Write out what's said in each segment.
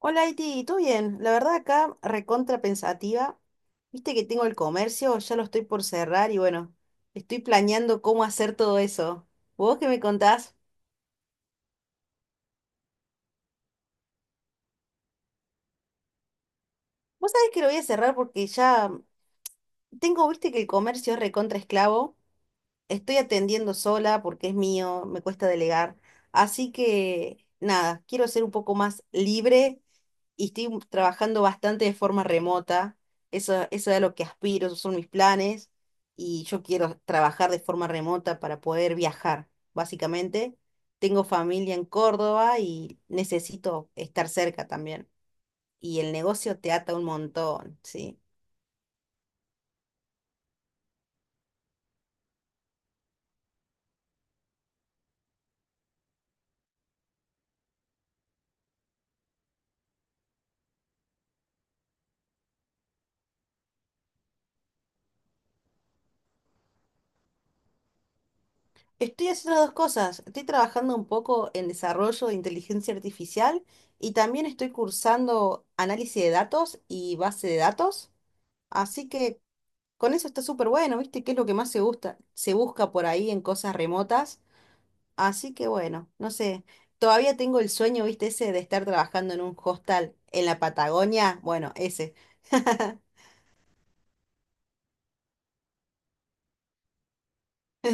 Hola, Iti, ¿todo bien? La verdad acá recontra pensativa. Viste que tengo el comercio, ya lo estoy por cerrar y bueno, estoy planeando cómo hacer todo eso. ¿Vos qué me contás? Vos sabés que lo voy a cerrar porque ya tengo, viste que el comercio es recontra esclavo. Estoy atendiendo sola porque es mío, me cuesta delegar. Así que nada, quiero ser un poco más libre y estoy trabajando bastante de forma remota. Eso es a lo que aspiro, esos son mis planes. Y yo quiero trabajar de forma remota para poder viajar, básicamente. Tengo familia en Córdoba y necesito estar cerca también. Y el negocio te ata un montón, sí. Estoy haciendo dos cosas. Estoy trabajando un poco en desarrollo de inteligencia artificial y también estoy cursando análisis de datos y base de datos. Así que con eso está súper bueno, ¿viste? ¿Qué es lo que más se gusta? Se busca por ahí en cosas remotas. Así que bueno, no sé. Todavía tengo el sueño, ¿viste? Ese de estar trabajando en un hostel en la Patagonia. Bueno, ese.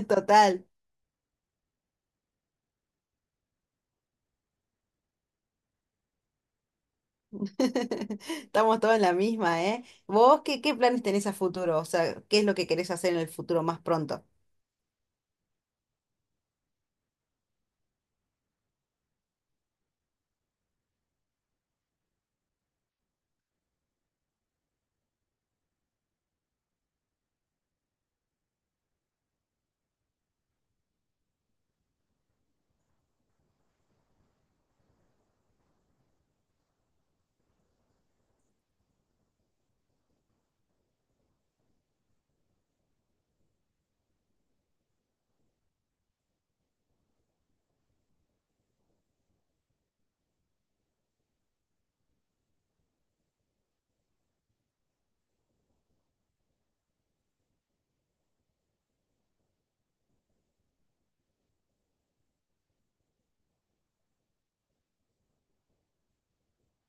Total. Estamos todos en la misma, ¿eh? ¿Vos qué planes tenés a futuro? O sea, ¿qué es lo que querés hacer en el futuro más pronto?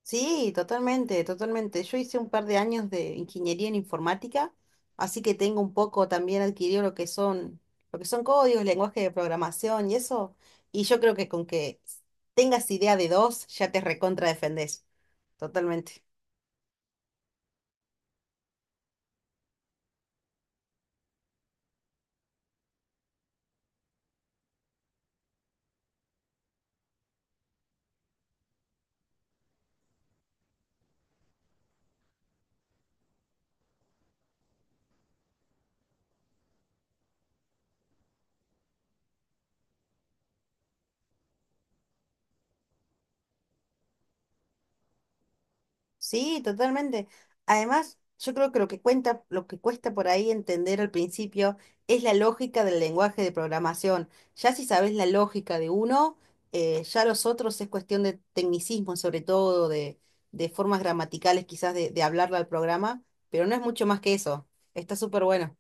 Sí, totalmente, totalmente. Yo hice un par de años de ingeniería en informática, así que tengo un poco también adquirido lo que son códigos, lenguaje de programación y eso. Y yo creo que con que tengas idea de dos, ya te recontra defendés. Totalmente. Sí, totalmente. Además, yo creo que lo que cuenta, lo que cuesta por ahí entender al principio es la lógica del lenguaje de programación. Ya si sabes la lógica de uno, ya los otros es cuestión de tecnicismo, sobre todo, de formas gramaticales quizás de hablarle al programa, pero no es mucho más que eso. Está súper bueno.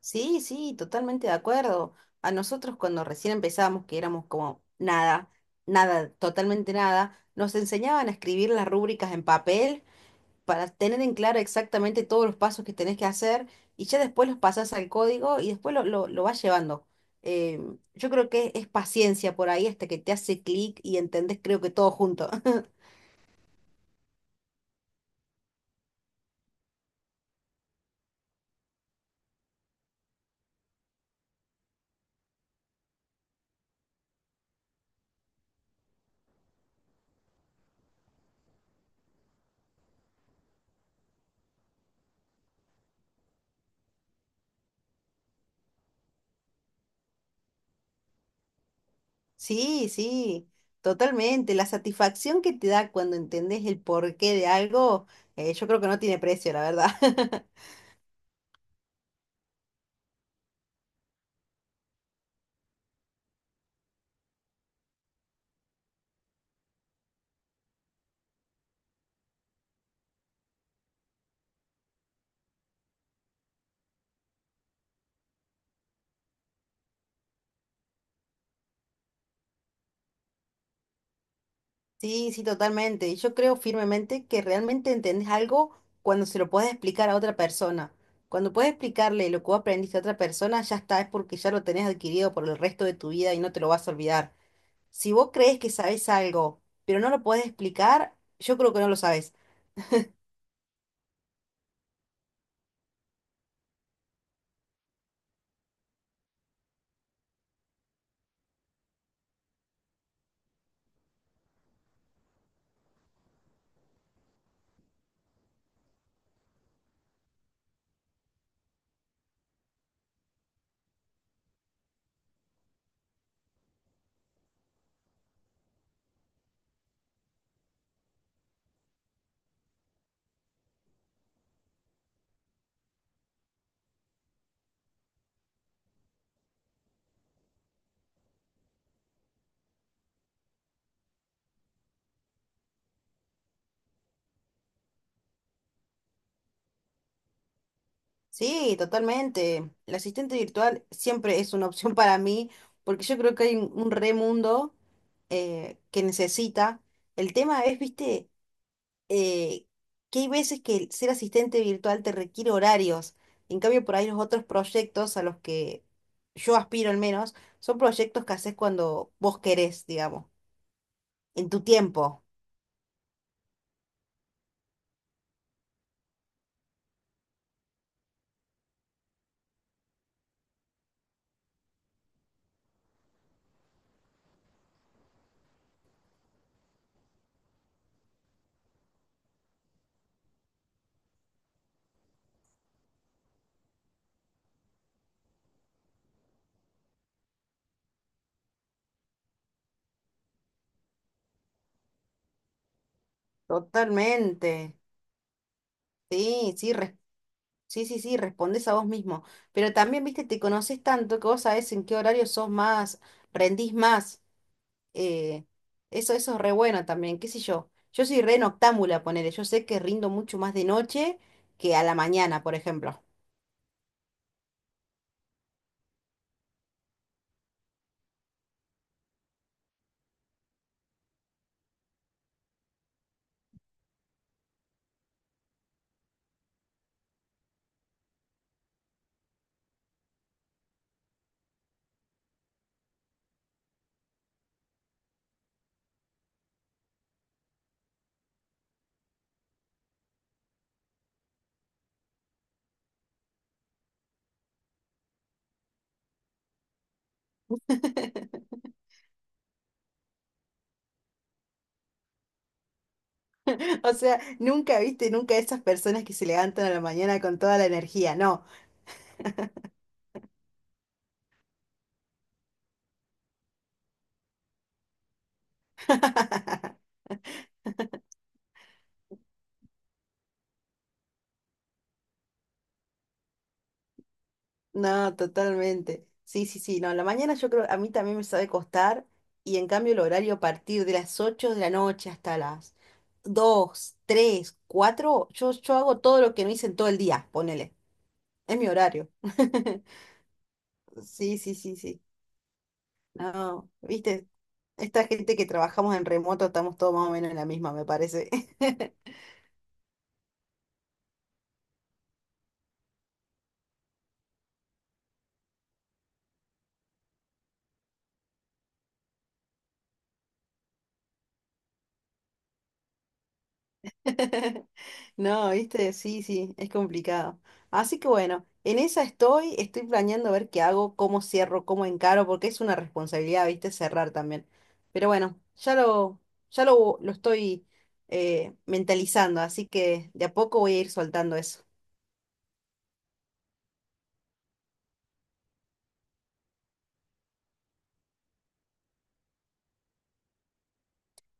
Sí, sí, totalmente de acuerdo. A nosotros cuando recién empezamos, que éramos como nada, nada, totalmente nada, nos enseñaban a escribir las rúbricas en papel para tener en claro exactamente todos los pasos que tenés que hacer y ya después los pasás al código y después lo vas llevando. Eh, yo creo que es paciencia por ahí hasta que te hace clic y entendés creo que todo junto. Sí, sí, totalmente. La satisfacción que te da cuando entendés el porqué de algo, yo creo que no tiene precio, la verdad. Sí, sí, totalmente. Yo creo firmemente que realmente entendés algo cuando se lo puedes explicar a otra persona. Cuando puedes explicarle lo que vos aprendiste a otra persona, ya está, es porque ya lo tenés adquirido por el resto de tu vida y no te lo vas a olvidar. Si vos crees que sabés algo, pero no lo podés explicar, yo creo que no lo sabés. Sí, totalmente. El asistente virtual siempre es una opción para mí, porque yo creo que hay un re mundo que necesita. El tema es, viste eh, que hay veces que el ser asistente virtual te requiere horarios. En cambio, por ahí los otros proyectos a los que yo aspiro al menos, son proyectos que haces cuando vos querés, digamos, en tu tiempo. Totalmente. Sí, sí, res- sí, sí, sí, respondes a vos mismo. Pero también, viste, te conoces tanto que vos sabés en qué horario sos más, rendís más. eh, eso, eso es re bueno también, qué sé yo. Yo soy re noctámbula, ponele. Yo sé que rindo mucho más de noche que a la mañana, por ejemplo. O sea, nunca viste, nunca esas personas que se levantan a la mañana con toda la energía. No, no, totalmente. Sí, sí, sí. No, la mañana yo creo, a mí también me sabe costar. Y en cambio el horario a partir de las 8 de la noche hasta las 2, 3, 4 yo, yo hago todo lo que no hice en todo el día, ponele. Es mi horario. Sí, sí, sí, sí. No, viste, esta gente que trabajamos en remoto estamos todos más o menos en la misma, me parece. No, viste, sí, sí, es complicado. Así que bueno, en esa estoy, estoy planeando ver qué hago, cómo cierro, cómo encaro, porque es una responsabilidad, viste, cerrar también. Pero bueno, ya lo estoy mentalizando, así que de a poco voy a ir soltando eso.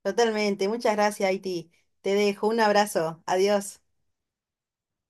Totalmente, muchas gracias, Haití. Te dejo un abrazo, adiós.